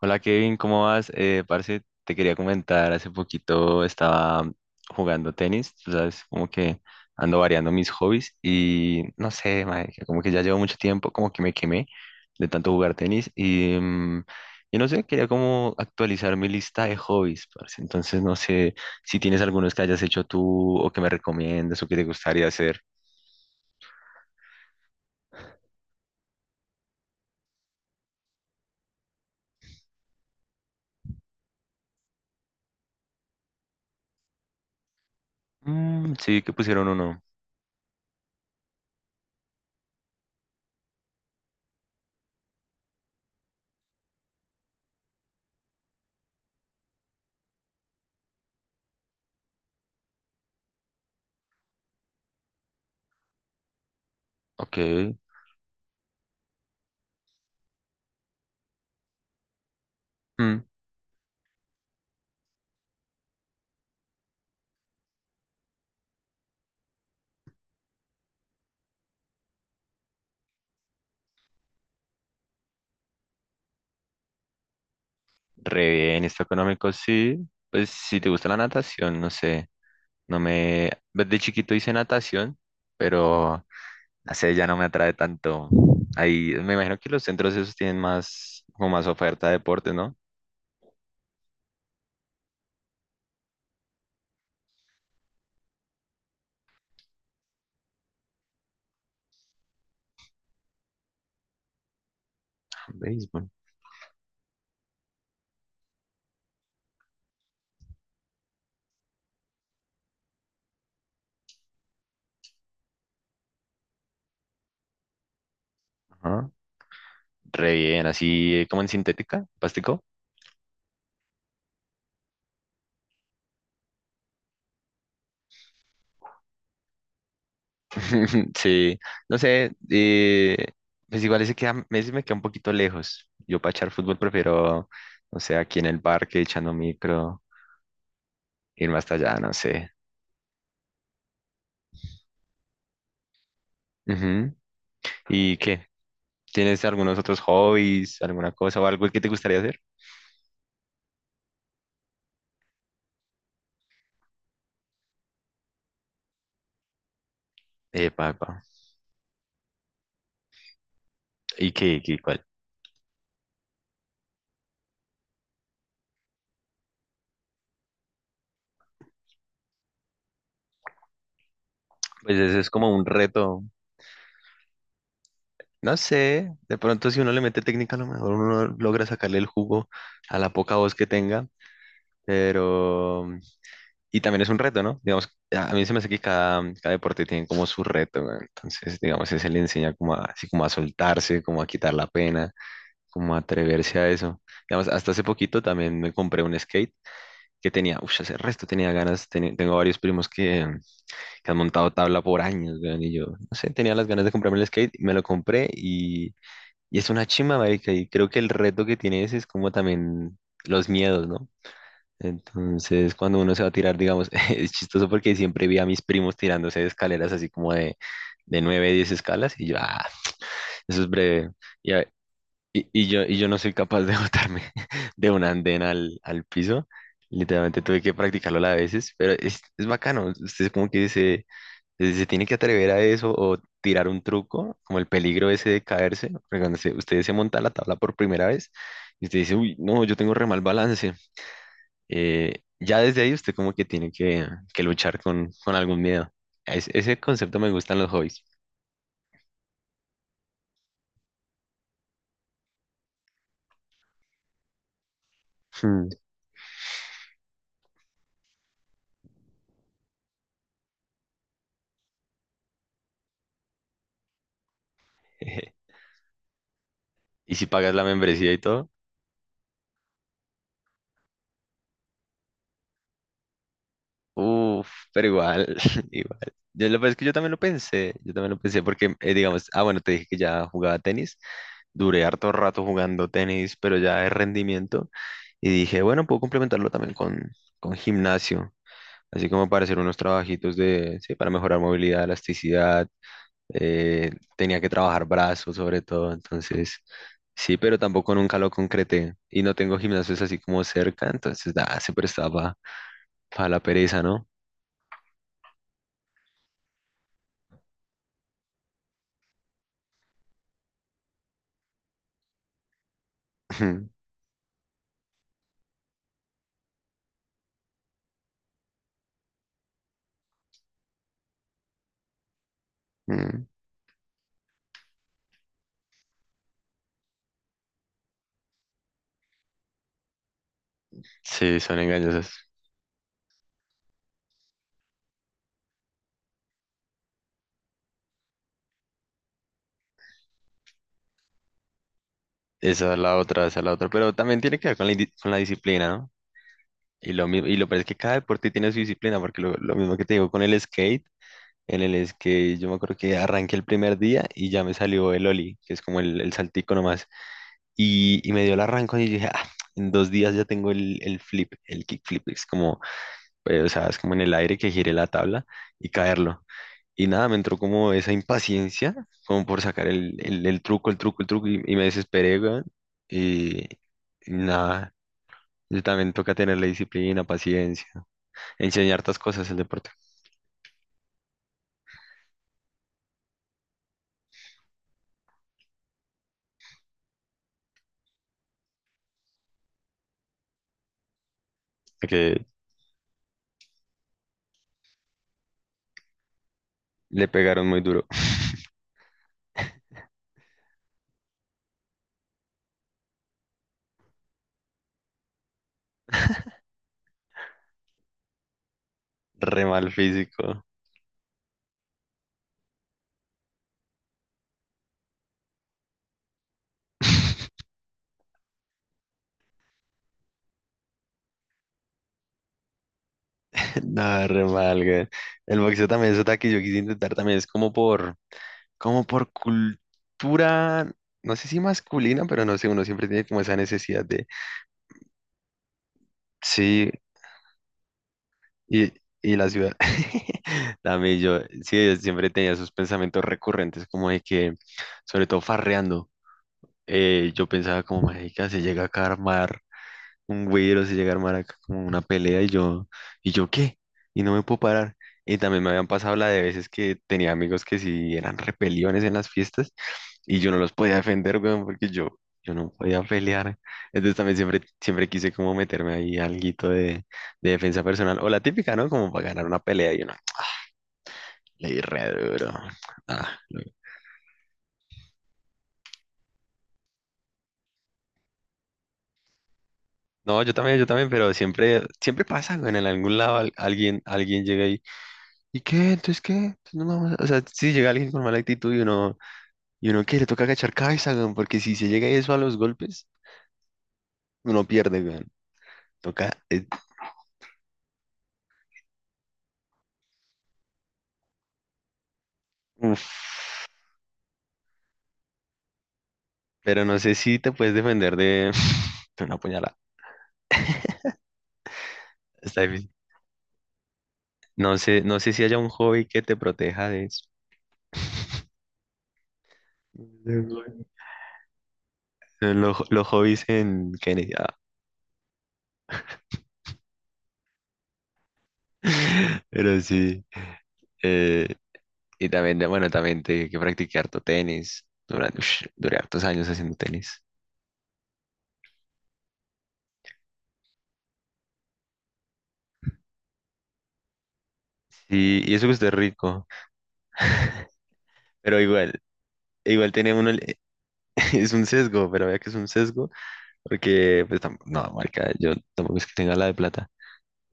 Hola Kevin, ¿cómo vas? Parce, te quería comentar, hace poquito estaba jugando tenis, tú sabes, como que ando variando mis hobbies y no sé, marica, como que ya llevo mucho tiempo, como que me quemé de tanto jugar tenis y no sé, quería como actualizar mi lista de hobbies, parce. Entonces no sé si tienes algunos que hayas hecho tú o que me recomiendes o que te gustaría hacer. Mm, sí, que pusieron uno. Ok. Mm. Re bien, esto económico sí. Pues si te gusta la natación, no sé. No me. Desde chiquito hice natación, pero no sé, ya no me atrae tanto. Ahí me imagino que los centros esos tienen más, como más oferta de deportes, ¿no? Béisbol. Ajá. Re bien, así como en sintética, plástico. Sí, no sé, pues igual ese, queda, ese me queda un poquito lejos. Yo para echar fútbol prefiero, no sé, aquí en el parque echando micro, irme hasta allá, no sé. Ujú. ¿Y qué? ¿Tienes algunos otros hobbies, alguna cosa o algo que te gustaría hacer? Epa, epa. ¿Y qué, cuál? Pues ese es como un reto. No sé, de pronto si uno le mete técnica, a lo mejor uno logra sacarle el jugo a la poca voz que tenga, pero... Y también es un reto, ¿no? Digamos, a mí se me hace que cada deporte tiene como su reto, ¿no? Entonces, digamos, ese le enseña como a, así como a soltarse, como a quitar la pena, como a atreverse a eso. Digamos, hasta hace poquito también me compré un skate que tenía, uff, hace resto tenía ganas, tengo varios primos que han montado tabla por años, weón, y yo, no sé, tenía las ganas de comprarme el skate, me lo compré y es una chimba, marica, y creo que el reto que tiene ese es como también los miedos, ¿no? Entonces, cuando uno se va a tirar, digamos, es chistoso porque siempre vi a mis primos tirándose de escaleras así como de 9 o 10 escalas y yo, ah, eso es breve. Y, a- y yo no soy capaz de botarme de un andén al piso. Literalmente tuve que practicarlo a veces, pero es bacano. Usted como que se tiene que atrever a eso o tirar un truco, como el peligro ese de caerse. Porque usted se monta a la tabla por primera vez y usted dice, uy, no, yo tengo re mal balance. Ya desde ahí usted como que tiene que luchar con algún miedo. Ese concepto me gustan los hobbies. Hmm. Y si pagas la membresía y todo. Uf, pero igual, igual. Yo lo pues, es que yo también lo pensé, yo también lo pensé porque, digamos, ah, bueno, te dije que ya jugaba tenis, duré harto rato jugando tenis, pero ya de rendimiento, y dije, bueno, puedo complementarlo también con gimnasio, así como para hacer unos trabajitos de, sí, para mejorar movilidad, elasticidad, eh, tenía que trabajar brazos sobre todo, entonces, sí, pero tampoco nunca lo concreté, y no tengo gimnasios así como cerca, entonces, da se prestaba para la pereza, ¿no? Mm. Sí, son engañosas. Esa es la otra, esa es la otra. Pero también tiene que ver con la, con la disciplina, ¿no? Y lo mismo, y lo peor es que cada deporte tiene su disciplina, porque lo mismo que te digo con el skate, en el skate yo me acuerdo que arranqué el primer día y ya me salió el ollie, que es como el saltico nomás. Y me dio el arranco y dije, ah, en 2 días ya tengo el flip, el kickflip. Es como, o sea, es como en el aire que gire la tabla y caerlo. Y nada, me entró como esa impaciencia, como por sacar el truco, el truco, el truco, y me desesperé, weón. Y, y nada, y también toca tener la disciplina, paciencia, enseñar estas cosas el deporte, que le pegaron muy duro. Re mal físico. Nada, re mal, weón. El boxeo también es otra que yo quise intentar también, es como por, como por cultura, no sé si masculina, pero no sé, uno siempre tiene como esa necesidad de... Sí, Y, y la ciudad, también yo, sí, yo siempre tenía esos pensamientos recurrentes, como de que, sobre todo farreando, yo pensaba como, marica, se llega a armar un güero se llega a armar acá como una pelea ¿y yo qué? Y no me puedo parar. Y también me habían pasado la de veces que tenía amigos que sí eran repeliones en las fiestas y yo no los podía defender, weón, porque yo no podía pelear. Entonces también siempre, siempre quise como meterme ahí alguito de defensa personal o la típica, ¿no? Como para ganar una pelea y yo no, le di re duro. Ah, no. No, yo también, pero siempre, siempre pasa, weón, en algún lado alguien, alguien llega y ¿y qué? Entonces, ¿qué? Entonces, no o sea, si llega alguien con mala actitud y uno que le toca agachar cabeza, weón, porque si se llega eso a los golpes, uno pierde, weón. Toca. Uf. Pero no sé si te puedes defender de, de una puñalada. Está difícil. No sé, no sé si haya un hobby que te proteja de eso. Los hobbies en Kennedy. Ah. Pero sí. eh, y también, bueno, también te que practicar harto tenis. Durante, ush, duré hartos años haciendo tenis. Sí, y eso que usted es rico. Pero igual, igual tiene uno, el- es un sesgo, pero vea que es un sesgo, porque, pues, no, marca, yo tampoco es que tenga la de plata.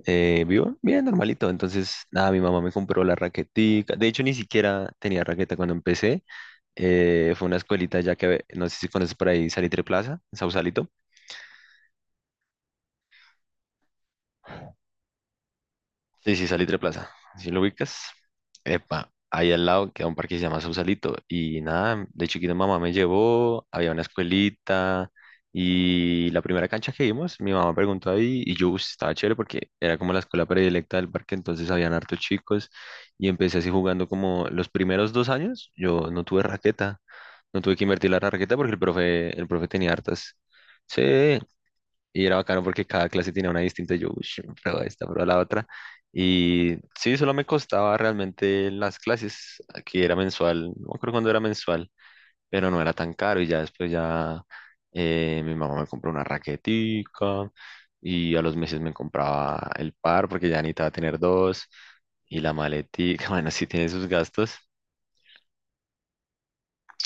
Vivo bien, normalito. Entonces, nada, mi mamá me compró la raquetica. De hecho, ni siquiera tenía raqueta cuando empecé. Fue una escuelita ya que, no sé si conoces por ahí, Salitre Plaza, en Sausalito. Sí, sí, Salitre Plaza. ¿Si lo ubicas? Epa, ahí al lado queda un parque que se llama Sausalito. Y nada, de chiquito mamá me llevó, había una escuelita. Y la primera cancha que vimos, mi mamá preguntó ahí y yo, "Uy, estaba chévere porque era como la escuela predilecta del parque, entonces habían hartos chicos y empecé así jugando como los primeros 2 años, yo no tuve raqueta, no tuve que invertir la raqueta porque el profe tenía hartas. Sí, y era bacano porque cada clase tenía una distinta. Yo, uy, prueba esta, prueba la otra. Y sí, solo me costaba realmente las clases. Aquí era mensual, no me acuerdo cuándo era mensual, pero no era tan caro. Y ya después ya mi mamá me compró una raquetica y a los meses me compraba el par porque ya necesitaba tener dos. Y la maletica, bueno, sí tiene sus gastos.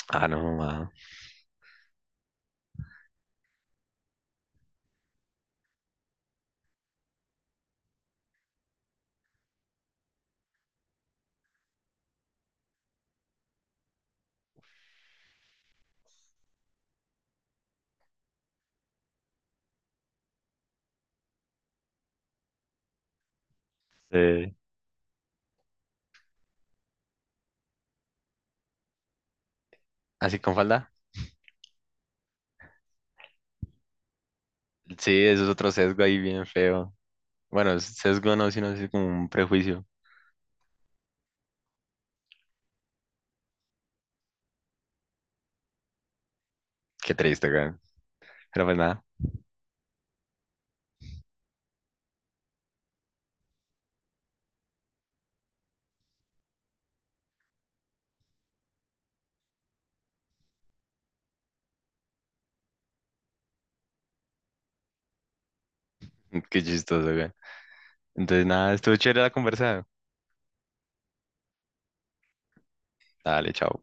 Ah, no, mamá. Sí. ¿Así con falda? Sí, eso es otro sesgo ahí bien feo. Bueno, sesgo no, sino así como un prejuicio. Qué triste, güey. Pero pues nada, qué chistoso, güey. Entonces nada, estuvo chévere la conversa. Dale, chao.